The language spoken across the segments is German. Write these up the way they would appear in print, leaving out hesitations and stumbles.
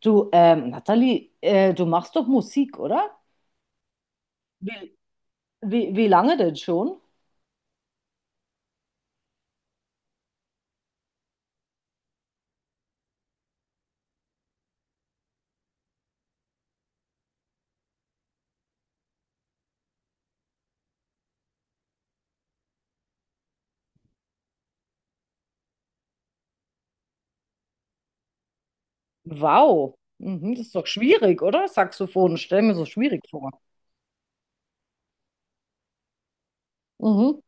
Du, Nathalie, du machst doch Musik, oder? Wie, wie lange denn schon? Wow. Mhm, das ist doch schwierig, oder? Saxophon, stell mir so schwierig vor. Mhm.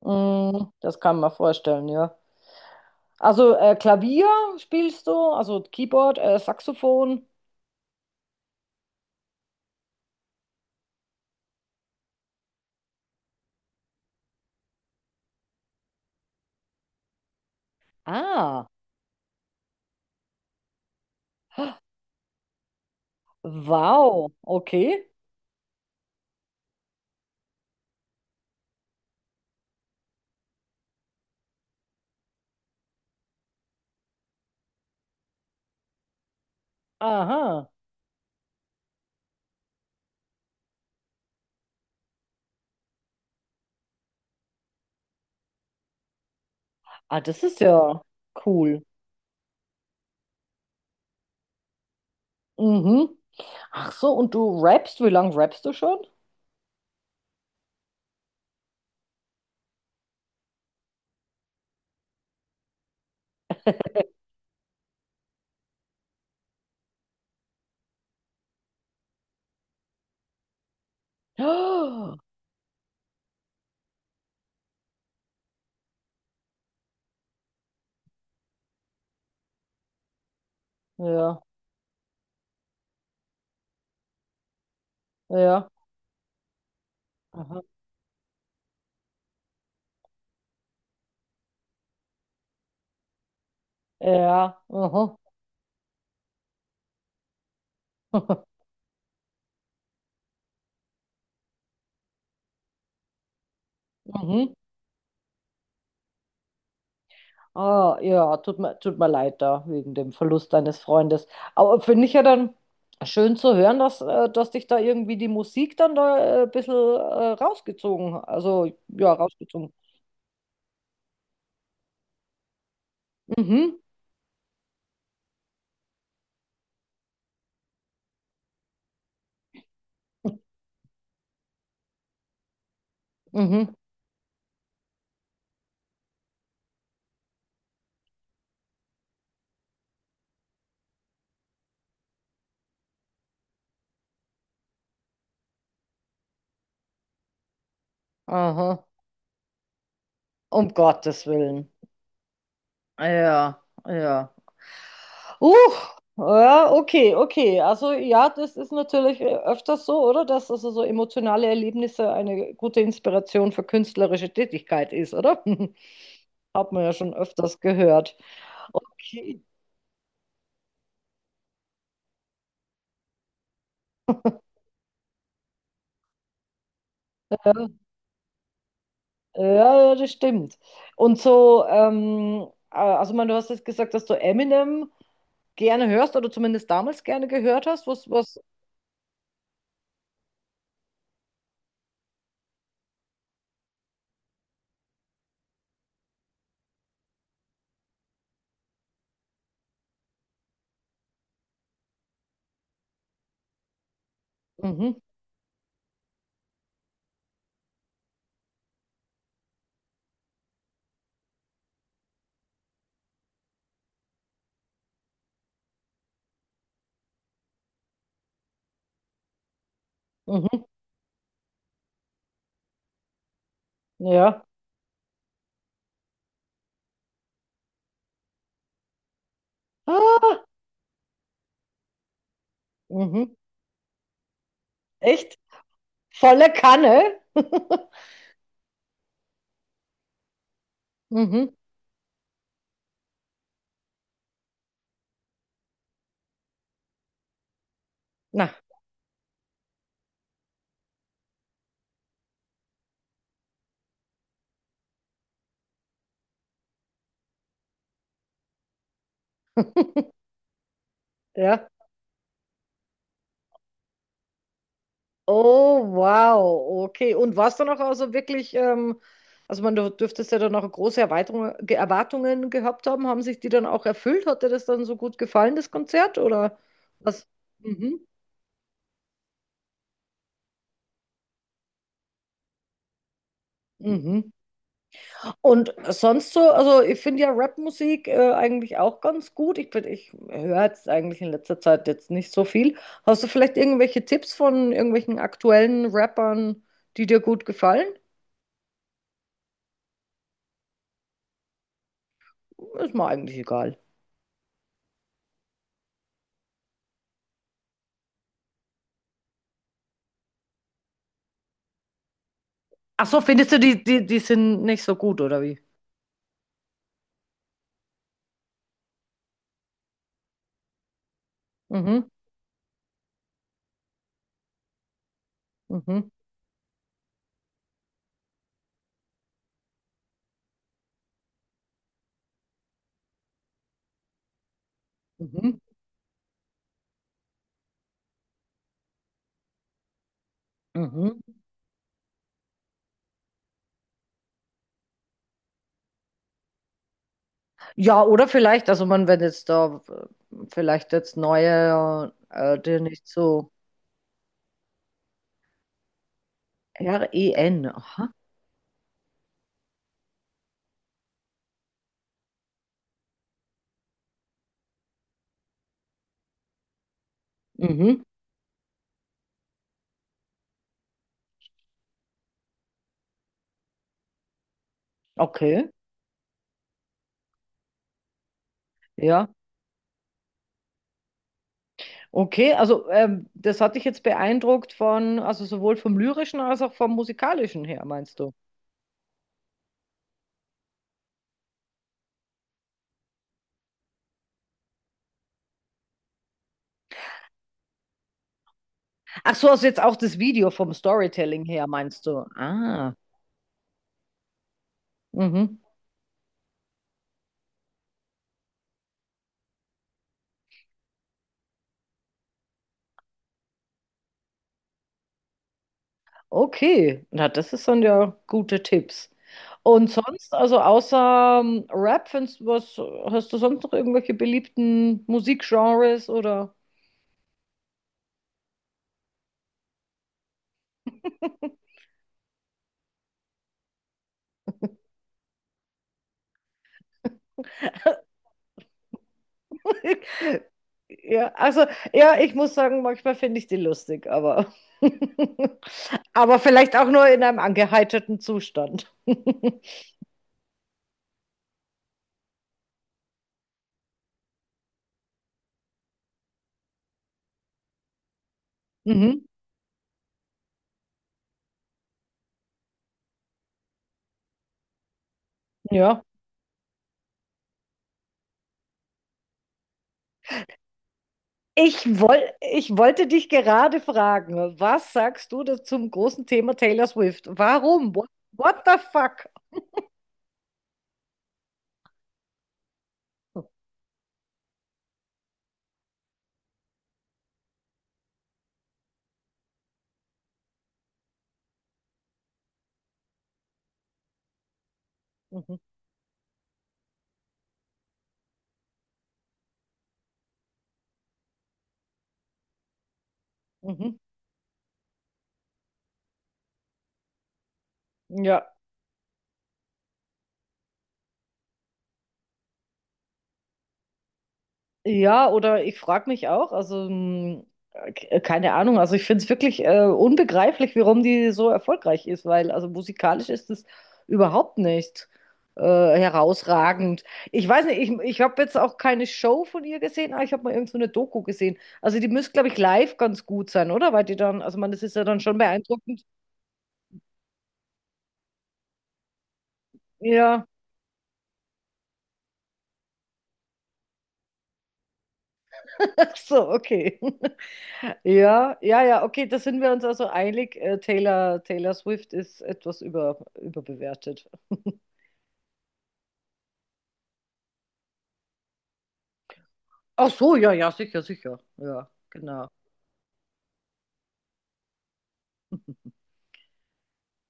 Mm, das kann man vorstellen, ja. Also Klavier spielst du, also Keyboard, Saxophon. Ah, wow. Okay. Aha. Ah, das ist ja cool. Mhm. Ach so, und du rappst, wie lange rappst du schon? Ja, ja. Aha. Ja, aha. Mhm. Ah, ja, tut mir leid da wegen dem Verlust deines Freundes. Aber finde ich ja dann schön zu hören, dass, dass dich da irgendwie die Musik dann da ein bisschen rausgezogen, also ja, rausgezogen. Mhm, mhm, aha, um Gottes Willen. Ja, ja. Uh, ja, okay, okay. Also ja, das ist natürlich öfters so, oder? Dass also so emotionale Erlebnisse eine gute Inspiration für künstlerische Tätigkeit ist, oder? Hat man ja schon öfters gehört. Okay. Ja, ja, ja, ja, das stimmt. Und so, also man, du hast jetzt gesagt, dass du Eminem gerne hörst oder zumindest damals gerne gehört hast. Was? Mhm, mhm, ja. Ah, mhm. Echt? Volle Kanne? Mhm. Na. Ja. Oh, wow. Okay. Und war es dann auch also wirklich, also man, du dürftest ja dann auch große Erweiterung, Erwartungen gehabt haben. Haben sich die dann auch erfüllt? Hat dir das dann so gut gefallen, das Konzert? Oder was? Mhm. Mhm. Und sonst so, also ich finde ja Rapmusik eigentlich auch ganz gut. Ich höre jetzt eigentlich in letzter Zeit jetzt nicht so viel. Hast du vielleicht irgendwelche Tipps von irgendwelchen aktuellen Rappern, die dir gut gefallen? Ist mir eigentlich egal. Ach so, findest du, die sind nicht so gut, oder wie? Mhm, mhm, mhm, mhm. Ja, oder vielleicht, also man, wenn jetzt da vielleicht jetzt neue, die nicht so REN, aha. Mhm, okay, ja. Okay, also das hat dich jetzt beeindruckt von, also sowohl vom lyrischen als auch vom musikalischen her, meinst du? Ach so, also jetzt auch das Video vom Storytelling her, meinst du? Ah, mhm. Okay, na, das ist dann ja gute Tipps. Und sonst, also außer Rap, findest du was, hast du sonst noch irgendwelche beliebten Musikgenres oder? Ja, also ja, ich muss sagen, manchmal finde ich die lustig, aber aber vielleicht auch nur in einem angeheiterten Zustand. Mhm, ja. Ich wollte dich gerade fragen, was sagst du da zum großen Thema Taylor Swift? Warum? What the fuck? Mhm. Ja, ja, oder ich frage mich auch, also keine Ahnung, also ich finde es wirklich unbegreiflich, warum die so erfolgreich ist, weil also musikalisch ist es überhaupt nicht herausragend. Ich weiß nicht, ich habe jetzt auch keine Show von ihr gesehen, aber ich habe mal irgend so eine Doku gesehen. Also die müsste, glaube ich, live ganz gut sein, oder? Weil die dann, also man, das ist ja dann schon beeindruckend. Ja, ach so, okay. Ja, ja, ja, okay, da sind wir uns also einig. Taylor Swift ist etwas über, überbewertet. Ach so, ja, ja, sicher, sicher. Ja, genau.